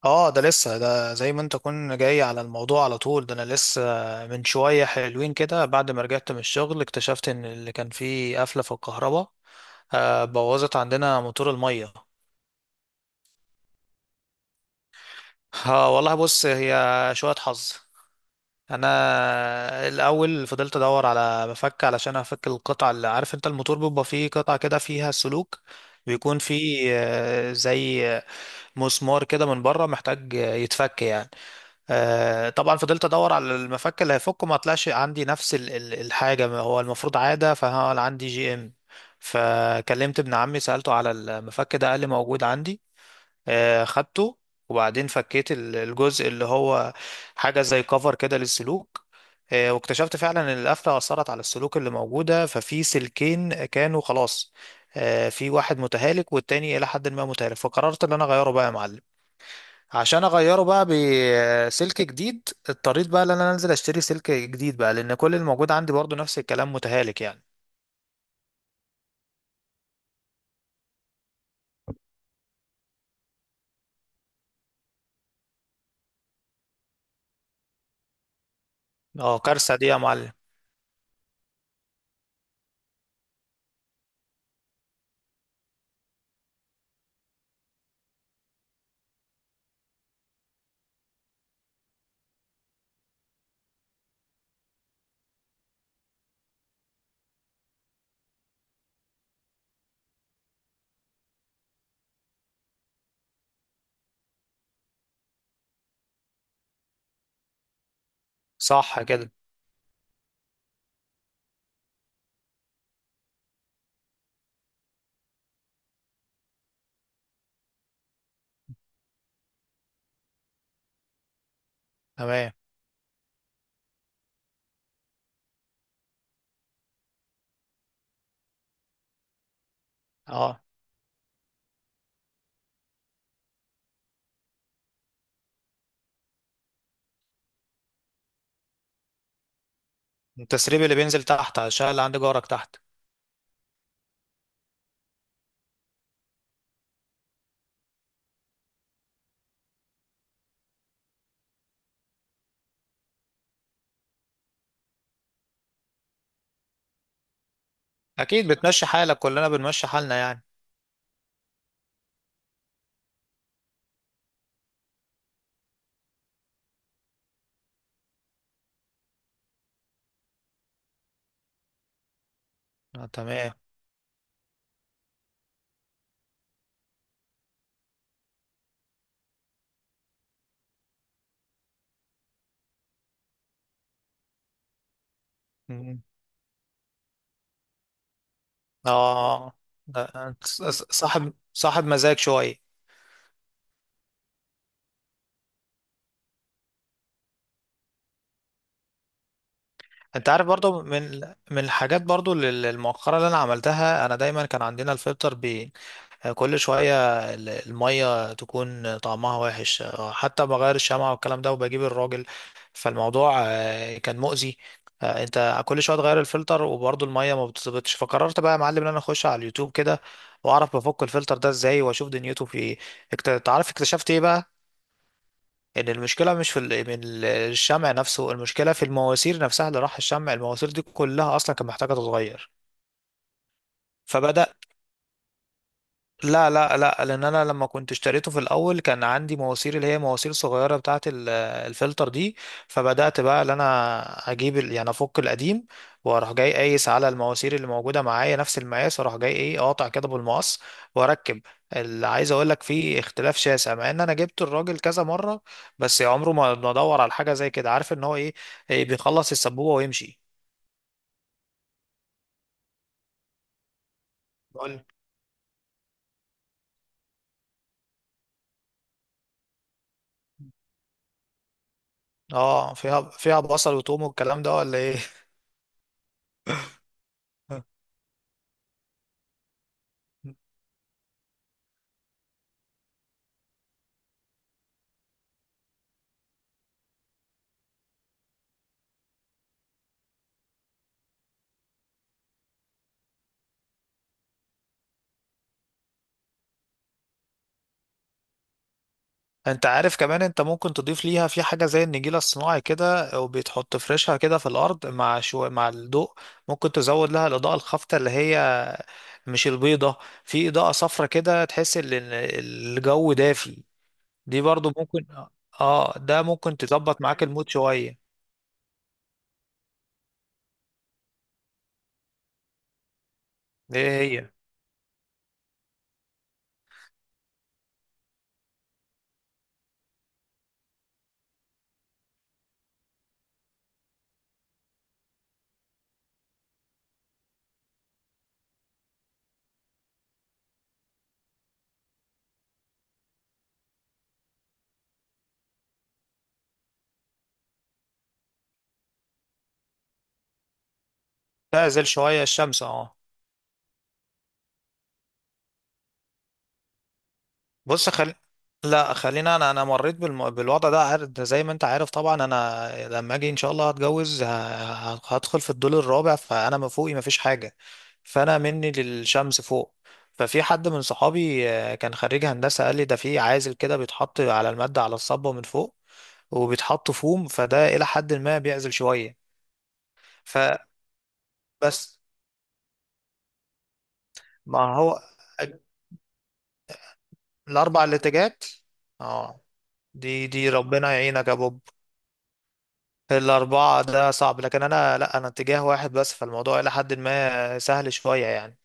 اه، ده لسه، ده زي ما انت كنت جاي على الموضوع على طول. ده انا لسه من شوية حلوين كده بعد ما رجعت من الشغل اكتشفت ان اللي كان فيه قفلة في الكهرباء بوظت عندنا موتور المية. اه والله بص، هي شوية حظ. انا الاول فضلت ادور على مفك علشان افك القطع، اللي عارف انت الموتور بيبقى فيه قطعة كده فيها سلوك، بيكون فيه زي مسمار كده من بره محتاج يتفك يعني. طبعا فضلت ادور على المفك اللي هيفكه، ما طلعش عندي نفس الحاجه، ما هو المفروض عاده، فانا عندي جي ام. فكلمت ابن عمي سالته على المفك ده، قال لي موجود عندي. خدته. وبعدين فكيت الجزء اللي هو حاجه زي كفر كده للسلوك. واكتشفت فعلا ان القفله اثرت على السلوك اللي موجوده، ففي سلكين كانوا خلاص، في واحد متهالك والتاني الى حد ما متهالك، فقررت ان انا اغيره بقى يا معلم. عشان اغيره بقى بسلك جديد، اضطريت بقى ان انا انزل اشتري سلك جديد بقى، لان كل الموجود عندي برضو نفس الكلام متهالك يعني. اه كارثة دي يا معلم. صح كده. تمام. اه، التسريب اللي بينزل تحت عشان اللي عندي جارك تحت. اكيد بتمشي حالك، كلنا بنمشي حالنا يعني. اه تمام. مم. اه، ده أنت صاحب صاحب مزاج شوية. انت عارف برضو من، من الحاجات برضو المؤخرة اللي انا عملتها، انا دايما كان عندنا الفلتر، كل شوية المية تكون طعمها وحش، حتى بغير الشمعة والكلام ده وبجيب الراجل. فالموضوع كان مؤذي. انت كل شوية تغير الفلتر وبرضه المية ما بتظبطش، فقررت بقى يا معلم ان انا اخش على اليوتيوب كده واعرف بفك الفلتر ده ازاي واشوف دنيته في ايه. تعرف اكتشفت ايه بقى؟ ان المشكلة مش في الشمع نفسه، المشكلة في المواسير نفسها اللي راح الشمع. المواسير دي كلها اصلا كانت محتاجة تتغير. فبدأ. لا لا لا، لان انا لما كنت اشتريته في الاول كان عندي مواسير اللي هي مواسير صغيره بتاعه الفلتر دي. فبدات بقى ان انا اجيب يعني افك القديم، واروح جاي قايس على المواسير اللي موجوده معايا نفس المقاس، واروح جاي ايه اقطع كده بالمقص واركب. اللي عايز اقول لك، فيه اختلاف شاسع، مع ان انا جبت الراجل كذا مره، بس عمره ما دور على حاجه زي كده. عارف ان هو ايه، إيه؟ بيخلص السبوبه ويمشي. بقول، اه، فيها فيها بصل وتوم والكلام ده ولا ايه؟ انت عارف كمان، انت ممكن تضيف ليها في حاجة زي النجيلة الصناعي كده وبيتحط فرشها كده في الارض، مع شو، مع الضوء ممكن تزود لها الاضاءة الخافتة، اللي هي مش البيضة، في اضاءة صفرة كده تحس ان الجو دافي. دي برضو ممكن. اه، ده ممكن تظبط معاك المود شوية. ايه هي؟ تعزل شوية الشمس، اه. بص لا، خلينا. انا مريت بالوضع ده، عارف، ده زي ما انت عارف طبعا، انا لما اجي ان شاء الله هتجوز، هدخل في الدور الرابع، فانا ما فوقي ما فيش حاجه، فانا مني للشمس فوق. ففي حد من صحابي كان خريج هندسه قال لي ده في عازل كده بيتحط على الماده، على الصبه من فوق، وبيتحط فوم، فده الى حد ما بيعزل شويه. فبس، ما هو الاربع الاتجاهات، اه. دي دي ربنا يعينك يا بوب. الأربعة ده صعب، لكن أنا لأ، أنا اتجاه واحد بس، فالموضوع إلى حد ما سهل شوية يعني.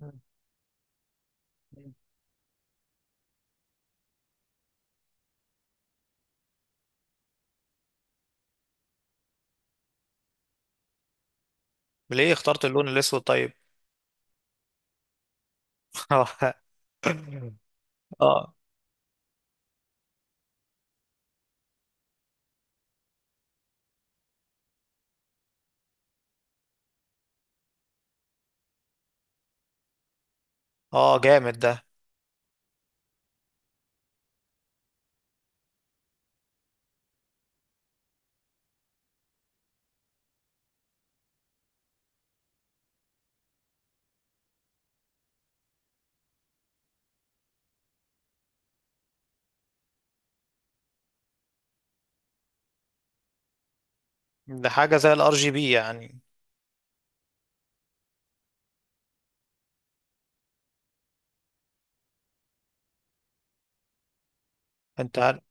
مم. ليه اخترت اللون الأسود طيب؟ اه، اه جامد ده. ده حاجة زي الار جي بي يعني. انت عارف،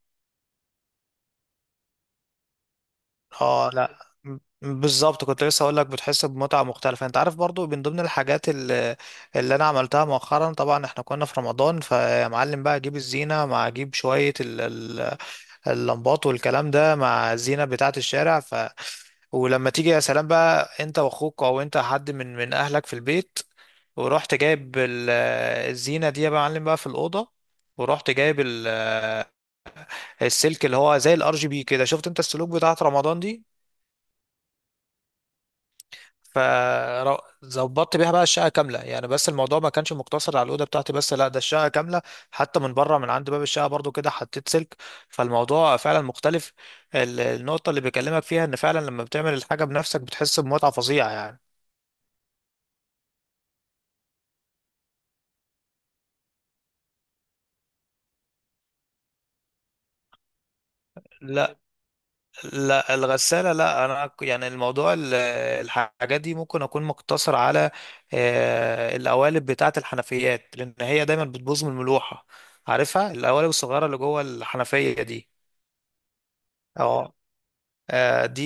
اه لا، م- بالظبط كنت لسه اقول لك بتحس بمتعة مختلفة. انت عارف برضو من ضمن الحاجات اللي، اللي انا عملتها مؤخرا، طبعا احنا كنا في رمضان، فيا معلم بقى اجيب الزينة، مع اجيب شوية اللمبات والكلام ده، مع الزينة بتاعة الشارع. ولما تيجي يا سلام بقى انت واخوك او انت حد من من اهلك في البيت، ورحت جايب الزينه دي يا معلم بقى في الاوضه، ورحت جايب السلك اللي هو زي الار جي بي كده، شفت انت السلوك بتاعت رمضان دي. فظبطت بيها بقى الشقه كامله يعني، بس الموضوع ما كانش مقتصر على الاوضه بتاعتي بس، لا، ده الشقه كامله، حتى من بره من عند باب الشقه برضو كده حطيت سلك. فالموضوع فعلا مختلف. النقطه اللي بكلمك فيها ان فعلا لما بتعمل الحاجه بنفسك بتحس بمتعه فظيعه يعني. لا، لا الغسالة لا. أنا ك- يعني الموضوع الحاجات دي ممكن أكون مقتصر على القوالب بتاعة الحنفيات، لأن هي دايما بتبوظ من الملوحة. عارفها القوالب الصغيرة اللي جوه الحنفية دي؟ اه، دي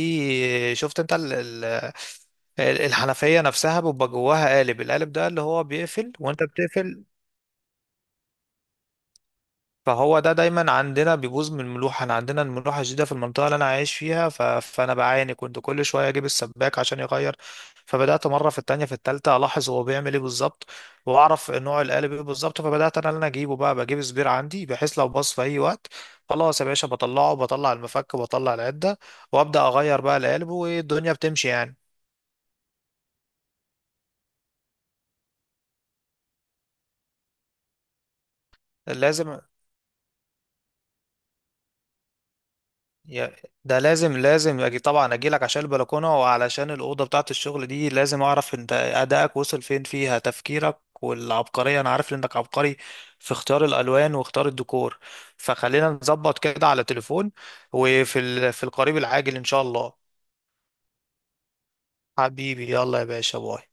شفت انت الحنفية نفسها بيبقى جواها قالب، القالب ده اللي هو بيقفل وانت بتقفل. فهو ده دايما عندنا بيبوظ من الملوحة، انا عندنا الملوحة شديدة في المنطقة اللي انا عايش فيها، فانا بعاني، كنت كل شوية اجيب السباك عشان يغير. فبدأت مرة في التانية في التالتة الاحظ هو بيعمل ايه بالظبط، واعرف نوع القالب ايه بالظبط. فبدأت انا اللي أنا اجيبه بقى، بجيب سبير عندي، بحيث لو باظ في اي وقت خلاص يا باشا بطلعه، بطلع المفك بطلع العدة وابدأ اغير بقى القالب، والدنيا بتمشي يعني. لازم. يا- ده لازم، لازم أجي طبعا، اجي لك عشان البلكونه وعلشان الاوضه بتاعه الشغل دي، لازم اعرف انت ادائك وصل فين، فيها تفكيرك والعبقريه، انا عارف انك عبقري في اختيار الالوان واختيار الديكور. فخلينا نظبط كده على تليفون، وفي في القريب العاجل ان شاء الله. حبيبي يلا يا باشا، باي.